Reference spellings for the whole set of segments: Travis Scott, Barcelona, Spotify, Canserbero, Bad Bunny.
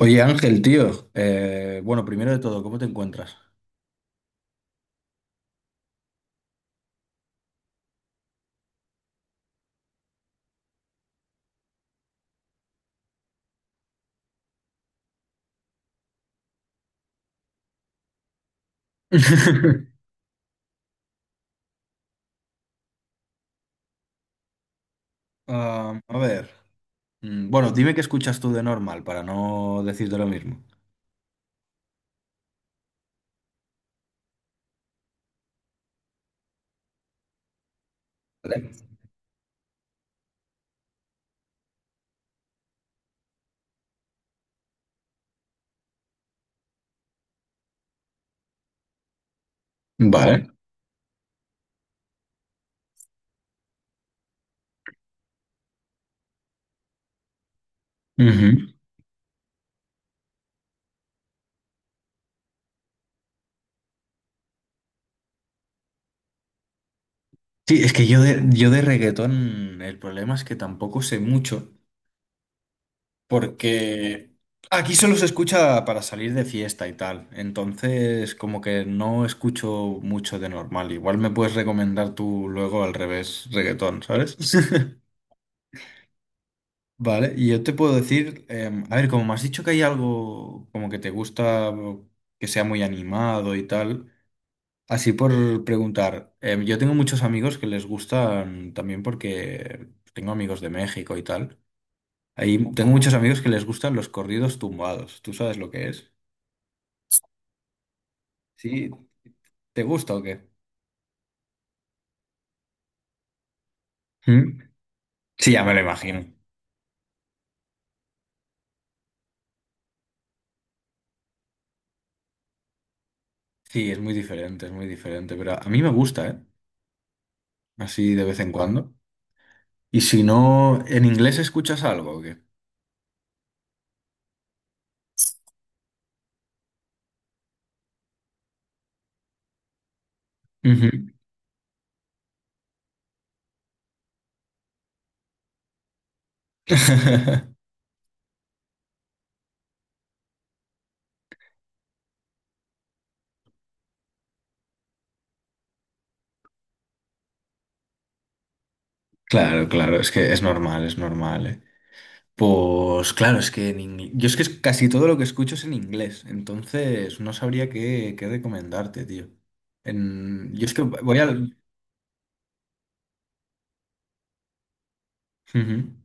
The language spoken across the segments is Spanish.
Oye Ángel, tío, bueno, primero de todo, ¿cómo te encuentras? Ah, a ver, bueno, dime qué escuchas tú de normal para no decirte lo mismo. Vale. Vale. Ujú. Sí, es que yo de reggaetón, el problema es que tampoco sé mucho, porque aquí solo se escucha para salir de fiesta y tal, entonces como que no escucho mucho de normal, igual me puedes recomendar tú luego al revés reggaetón, ¿sabes? Vale, y yo te puedo decir, a ver, como me has dicho que hay algo como que te gusta o que sea muy animado y tal, así por preguntar, yo tengo muchos amigos que les gustan también porque tengo amigos de México y tal. Ahí tengo muchos amigos que les gustan los corridos tumbados. ¿Tú sabes lo que es? ¿Sí? ¿Te gusta o qué? ¿Mm? Sí, ya me lo imagino. Sí, es muy diferente, pero a mí me gusta, ¿eh? Así de vez en cuando. Y si no, ¿en inglés escuchas algo o qué? Ujú. Claro, claro, es que es normal, ¿eh? Pues claro, es que en ingle- yo es que es- casi todo lo que escucho es en inglés, entonces no sabría qué, qué recomendarte, tío. En- Yo es que voy al... Ujú.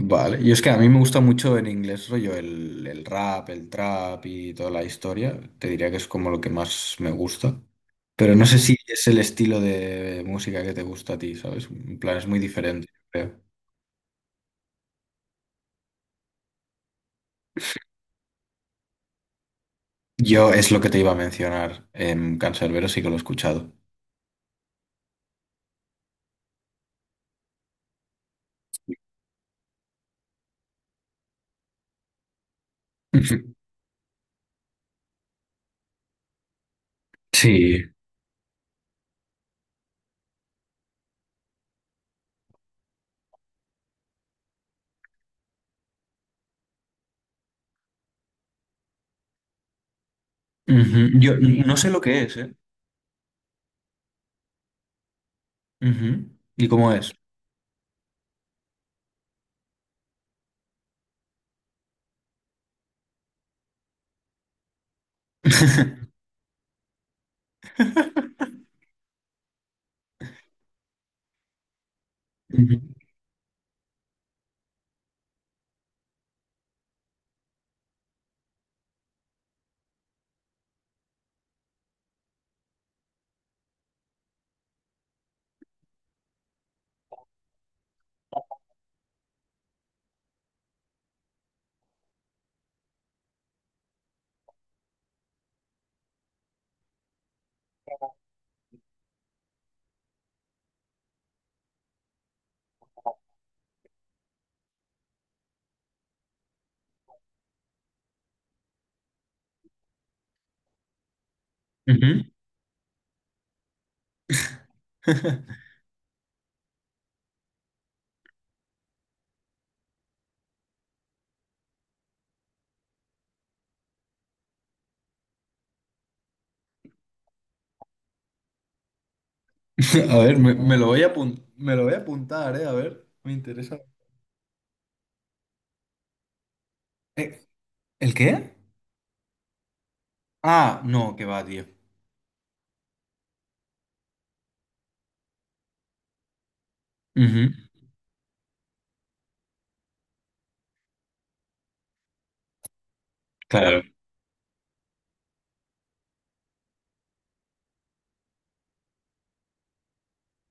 Vale, y es que a mí me gusta mucho en inglés, rollo, el rap, el trap y toda la historia. Te diría que es como lo que más me gusta. Pero no sé si es el estilo de música que te gusta a ti, ¿sabes? En plan, es muy diferente, creo. Yo es lo que te iba a mencionar. En Canserbero sí que lo he escuchado. Ujú. Sí. Ujú. Yo n- no sé lo que es, ¿eh? Ujú. ¿Y cómo es? Ujú. Ujú. A ver, me lo voy a apun- me lo voy a apuntar, ¿eh? A ver, me interesa. Eh, ¿El qué? Ah, no, que va, tío. Ujú. Claro.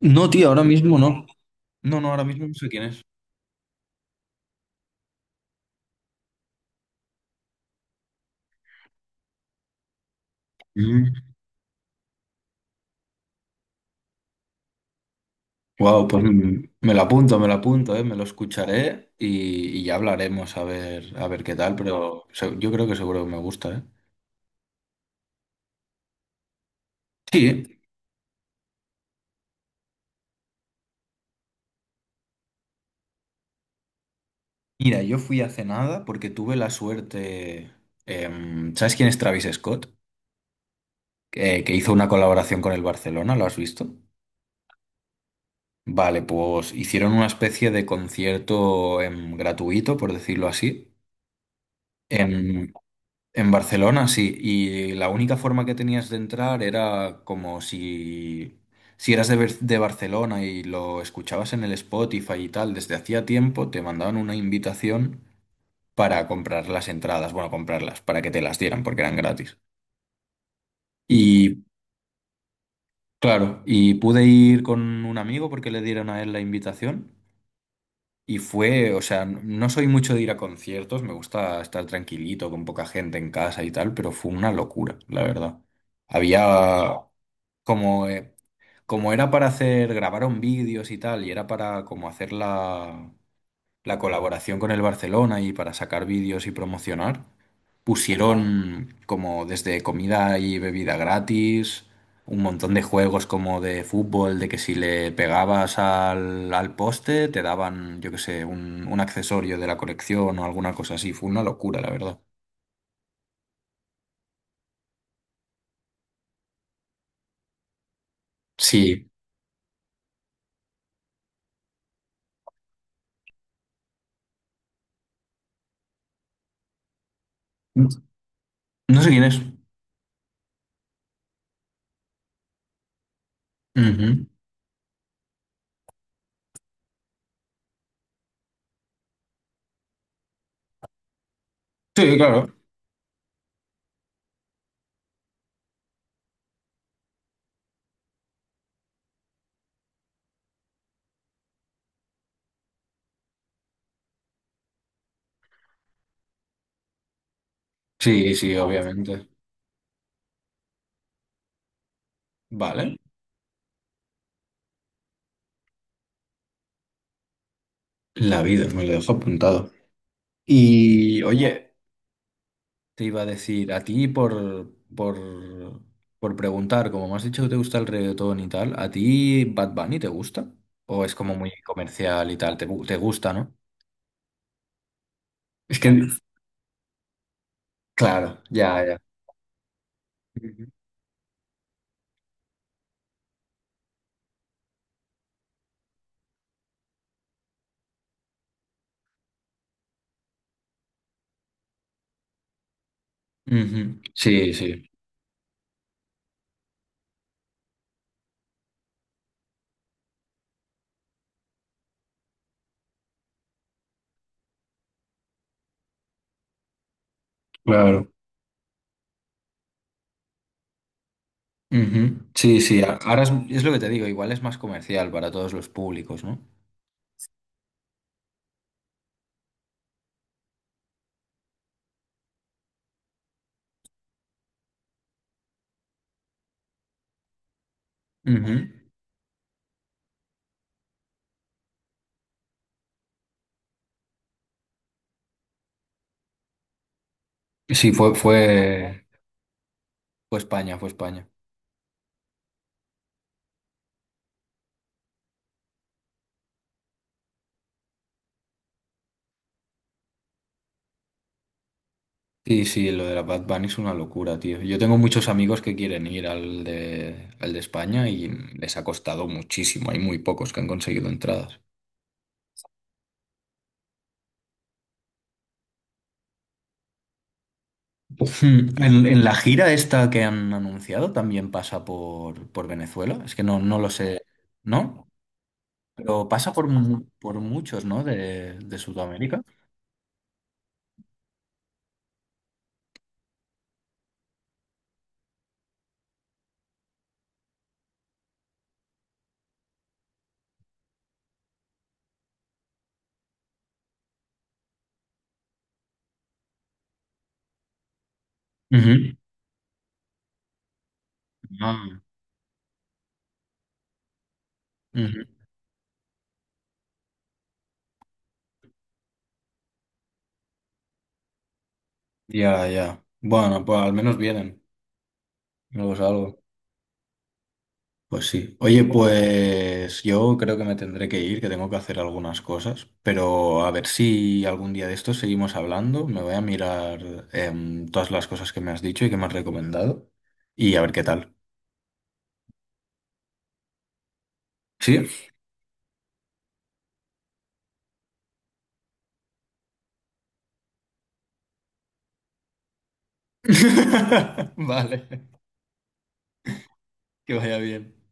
No, tío, ahora mismo no. No, no, ahora mismo no sé quién es. Wow, pues me lo apunto, ¿eh? Me lo escucharé y ya hablaremos a ver qué tal, pero se- yo creo que seguro que me gusta, ¿eh? Sí, mira, yo fui hace nada porque tuve la suerte. ¿Sabes quién es Travis Scott? Que hizo una colaboración con el Barcelona, ¿lo has visto? Vale, pues hicieron una especie de concierto gratuito, por decirlo así, em, en Barcelona, sí, y la única forma que tenías de entrar era como si, si eras de, Ber- de Barcelona y lo escuchabas en el Spotify y tal, desde hacía tiempo te mandaban una invitación para comprar las entradas, bueno, comprarlas, para que te las dieran porque eran gratis. Y claro, y pude ir con un amigo porque le dieron a él la invitación y fue, o sea, n- no soy mucho de ir a conciertos, me gusta estar tranquilito con poca gente en casa y tal, pero fue una locura, la verdad. Había, como, como era para hacer, grabaron vídeos y tal, y era para como hacer la, la colaboración con el Barcelona y para sacar vídeos y promocionar, pusieron como desde comida y bebida gratis, un montón de juegos como de fútbol, de que si le pegabas al, al poste te daban, yo qué sé, un accesorio de la colección o alguna cosa así. Fue una locura, la verdad. Sí. No sé quién es. Ujú. Sí, claro. Sí, sí, obviamente. Vale. La vida, me lo dejo apuntado. Y oye, te iba a decir, a ti por preguntar, como me has dicho que te gusta el reggaetón y tal, ¿a ti Bad Bunny te gusta? ¿O es como muy comercial y tal? ¿Te, gu- te gusta, no? Es que, claro, ya, ya. Ujú. Ujú. Sí, sí, claro. Ujú. Sí, sí, a- ahora es lo que te digo, igual es más comercial para todos los públicos, ¿no? Ujú. Sí, fue, fue, fue España, fue España. Sí, sí, lo de la Bad Bunny es una locura, tío. Yo tengo muchos amigos que quieren ir al de España y les ha costado muchísimo. Hay muy pocos que han conseguido entradas. Hmm. En la gira esta que han anunciado también pasa por Venezuela. Es que no, no lo sé, ¿no? Pero pasa por, mu- por muchos, ¿no? De Sudamérica. Ujú. Ah, ujú. Ya, ya. Bueno, pues al menos vienen. Luego es algo. Pues sí. Oye, pues yo creo que me tendré que ir, que tengo que hacer algunas cosas, pero a ver si algún día de esto seguimos hablando. Me voy a mirar todas las cosas que me has dicho y que me has recomendado y a ver qué tal. ¿Sí? Vale, que vaya bien.